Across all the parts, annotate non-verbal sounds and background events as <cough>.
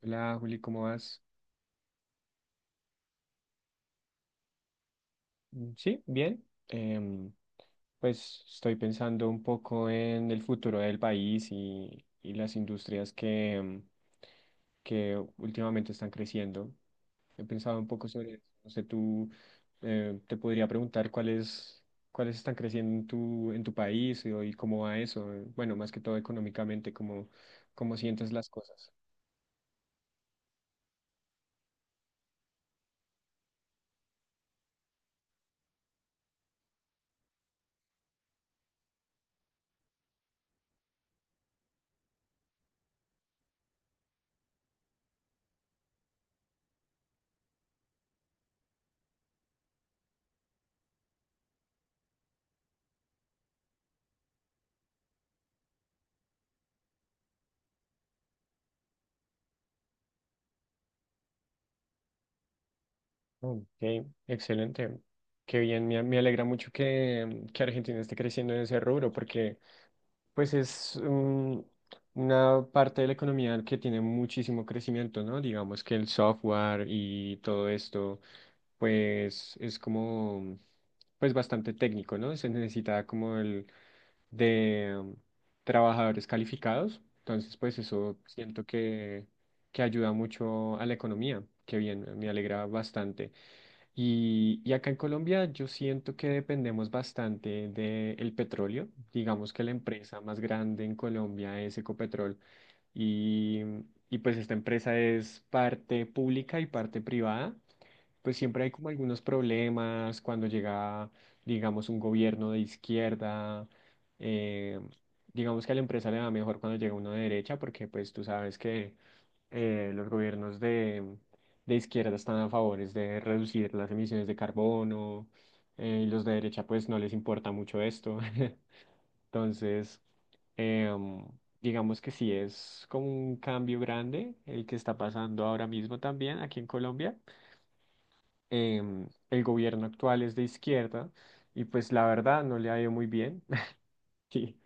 Hola Juli, ¿cómo vas? Mm, sí, bien. Pues estoy pensando un poco en el futuro del país y las industrias que, que últimamente están creciendo. He pensado un poco sobre eso. No sé, tú te podría preguntar cuáles están creciendo en en tu país y cómo va eso. Bueno, más que todo económicamente, cómo sientes las cosas. Ok, excelente. Qué bien, me alegra mucho que Argentina esté creciendo en ese rubro porque pues es un- una parte de la economía que tiene muchísimo crecimiento, ¿no? Digamos que el software y todo esto, pues es como, pues bastante técnico, ¿no? Se necesita como el de trabajadores calificados. Entonces, pues eso siento que ayuda mucho a la economía. Qué bien, me alegra bastante. Y acá en Colombia yo siento que dependemos bastante del petróleo. Digamos que la empresa más grande en Colombia es Ecopetrol y, y pues esta empresa es parte pública y parte privada, pues siempre hay como algunos problemas cuando llega, digamos, un gobierno de izquierda, eh, digamos que a la empresa le va mejor cuando llega uno de derecha, porque pues tú sabes que los gobiernos de izquierda están a favores de reducir las emisiones de carbono, y los de derecha pues no les importa mucho esto. <laughs> Entonces, em, digamos que sí es como un cambio grande el que está pasando ahora mismo también aquí en Colombia. El gobierno actual es de izquierda y pues la verdad no le ha ido muy bien. <laughs> Sí,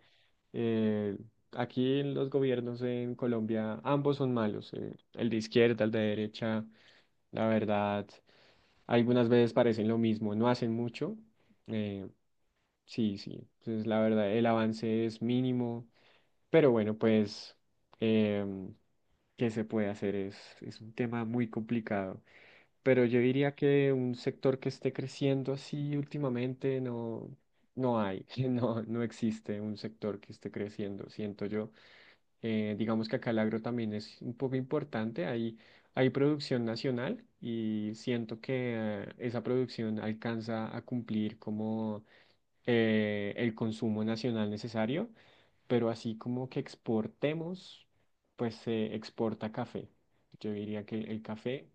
eh, aquí en los gobiernos en Colombia ambos son malos, el de izquierda, el de derecha, la verdad, algunas veces parecen lo mismo, no hacen mucho. eh, sí, sí, entonces la verdad el avance es mínimo. Pero bueno, pues, em, ¿qué se puede hacer? Es un tema muy complicado. Pero yo diría que un sector que esté creciendo así últimamente no, no hay, <laughs> no, no existe un sector que esté creciendo, siento yo. Digamos que acá el agro también es un poco importante. Hay producción nacional y siento que esa producción alcanza a cumplir como el consumo nacional necesario, pero así como que exportemos, pues se exporta café. Yo diría que el café,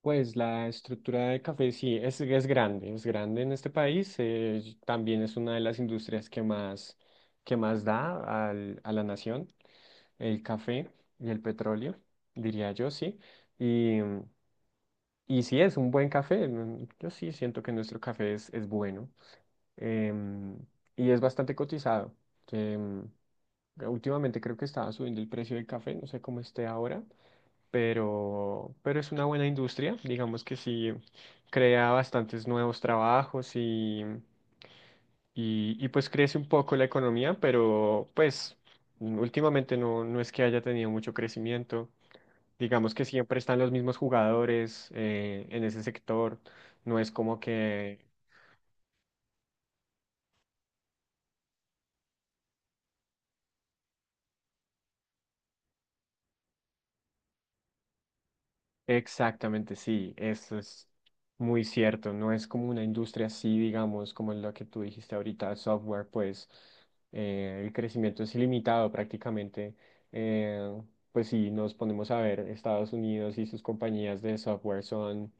pues la estructura de café sí es grande en este país, y también es una de las industrias que más da al- a la nación, el café y el petróleo, diría yo, sí. Y, y sí es un buen café, mm, yo sí siento que nuestro café es bueno, em, y es bastante cotizado. em, Últimamente creo que estaba subiendo el precio del café, no sé cómo esté ahora, pero es una buena industria, digamos que sí crea bastantes nuevos trabajos y pues crece un poco la economía, pero pues mm, últimamente no, no es que haya tenido mucho crecimiento. Digamos que siempre están los mismos jugadores en ese sector, no es como que exactamente, sí, eso es muy cierto. No es como una industria así, digamos, como lo que tú dijiste ahorita, software, pues el crecimiento es ilimitado prácticamente. Eh, pues sí, nos ponemos a ver, Estados Unidos y sus compañías de software son,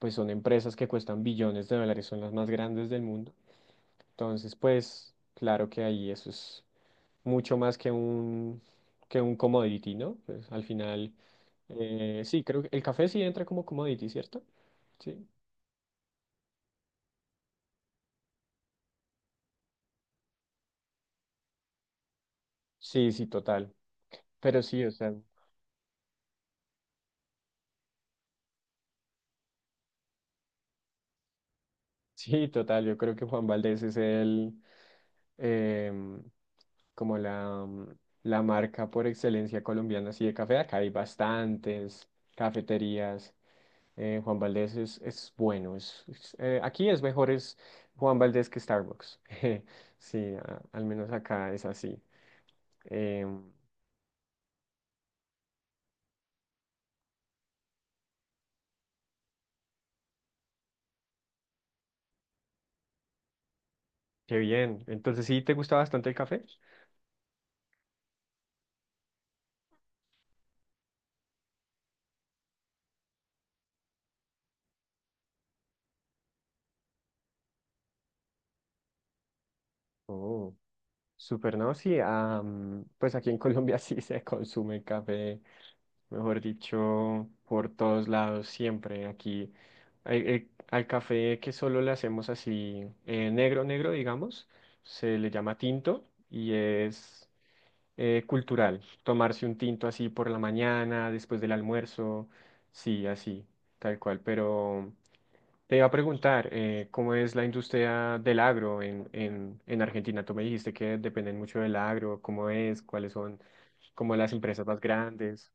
pues son empresas que cuestan billones de dólares, son las más grandes del mundo. Entonces, pues claro que ahí eso es mucho más que que un commodity, ¿no? Pues al final sí, creo que el café sí entra como commodity, ¿cierto? Sí. Sí, sí, total. Pero sí, o sea, <laughs> sí, total. Yo creo que Juan Valdez es el, em, como la, la marca por excelencia colombiana, así de café. Acá hay bastantes cafeterías. Juan Valdez es bueno. Aquí es mejor es Juan Valdez que Starbucks. <laughs> Sí, a- al menos acá es así. Em, Qué bien. Entonces, ¿sí te gusta bastante el café? Oh. Súper, ¿no? Sí, am, pues aquí en Colombia <laughs> sí se consume café, mejor dicho, por todos lados, siempre. Aquí al el- al café que solo le hacemos así negro, negro, digamos, se le llama tinto y es cultural. Tomarse un tinto así por la mañana, después del almuerzo, sí, así, tal cual, pero... Te iba a preguntar, ¿cómo es la industria del agro en Argentina? Tú me dijiste que dependen mucho del agro, ¿cómo es? ¿Cuáles son como las empresas más grandes?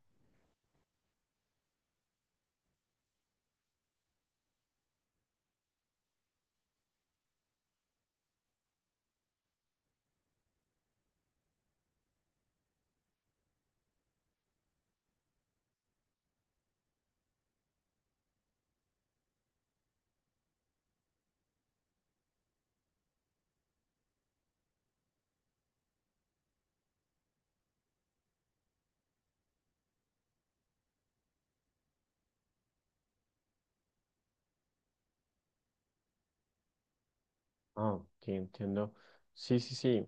Oh, ok, entiendo. Sí, sí, sí.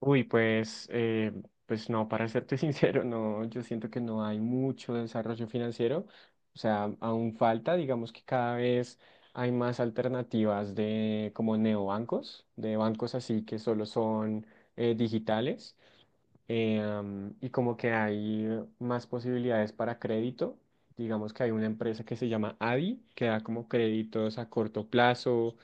Uy, pues, pues no, para serte <laughs> sincero, no, yo siento que no hay mucho desarrollo financiero. O sea, aún falta, digamos que cada vez hay más alternativas de como neobancos, de bancos así que solo son digitales. Y como que hay más posibilidades para crédito. Digamos que hay una empresa que se llama ADI, que da como créditos a corto plazo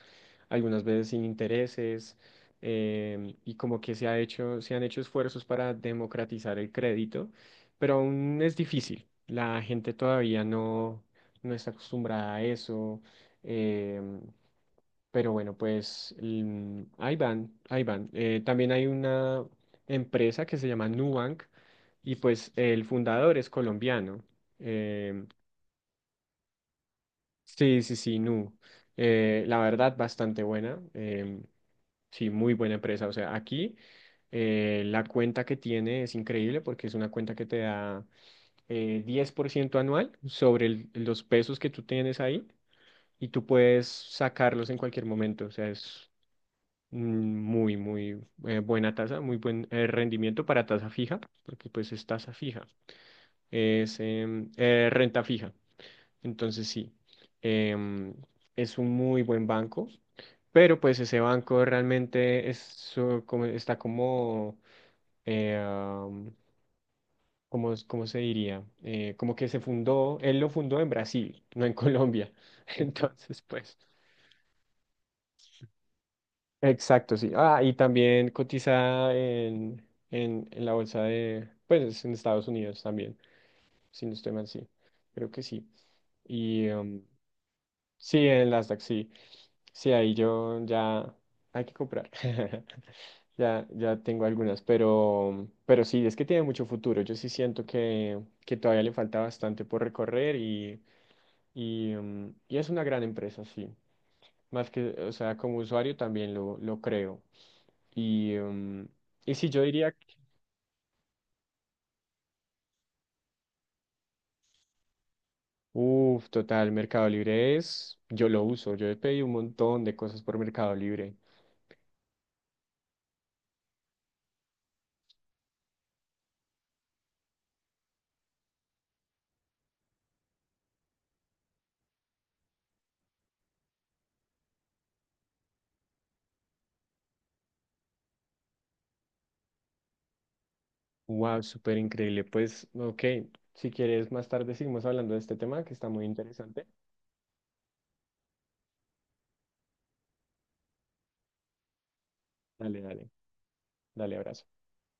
algunas veces sin intereses, y como que se ha hecho, se han hecho esfuerzos para democratizar el crédito, pero aún es difícil. La gente todavía no, no está acostumbrada a eso. em, pero bueno, pues mm, ahí van, ahí van. También hay una empresa que se llama Nubank y pues el fundador es colombiano. Em, sí, sí, sí, Nu. La verdad, bastante buena. Sí, muy buena empresa. O sea, aquí la cuenta que tiene es increíble porque es una cuenta que te da 10% anual sobre el- los pesos que tú tienes ahí y tú puedes sacarlos en cualquier momento. O sea, es mm, muy, muy buena tasa, muy buen rendimiento para tasa fija, porque pues es tasa fija, es renta fija. Entonces, sí, em, es un muy buen banco, pero pues ese banco realmente es, su- como, está como, am, como, ¿cómo se diría? Como que se fundó, él lo fundó en Brasil, <laughs> no en Colombia. <laughs> Entonces, pues, exacto, sí. Ah, y también cotiza en la bolsa de, pues, en Estados Unidos también, si no estoy mal, sí, creo que sí. Y am, sí, en el Nasdaq, sí. Sí, ahí yo ya hay que comprar. <laughs> Ya, ya tengo algunas, pero sí, es que tiene mucho futuro. Yo sí siento que todavía le falta bastante por recorrer y es una gran empresa, sí. Más que, o sea, como usuario también lo creo. Y, mm, y sí, yo diría, uff, total, Mercado Libre es, yo lo uso, yo he pedido un montón de cosas por Mercado Libre. Wow, súper increíble. Pues, ok, si quieres, más tarde seguimos hablando de este tema que está muy interesante. Dale, dale, dale, abrazo.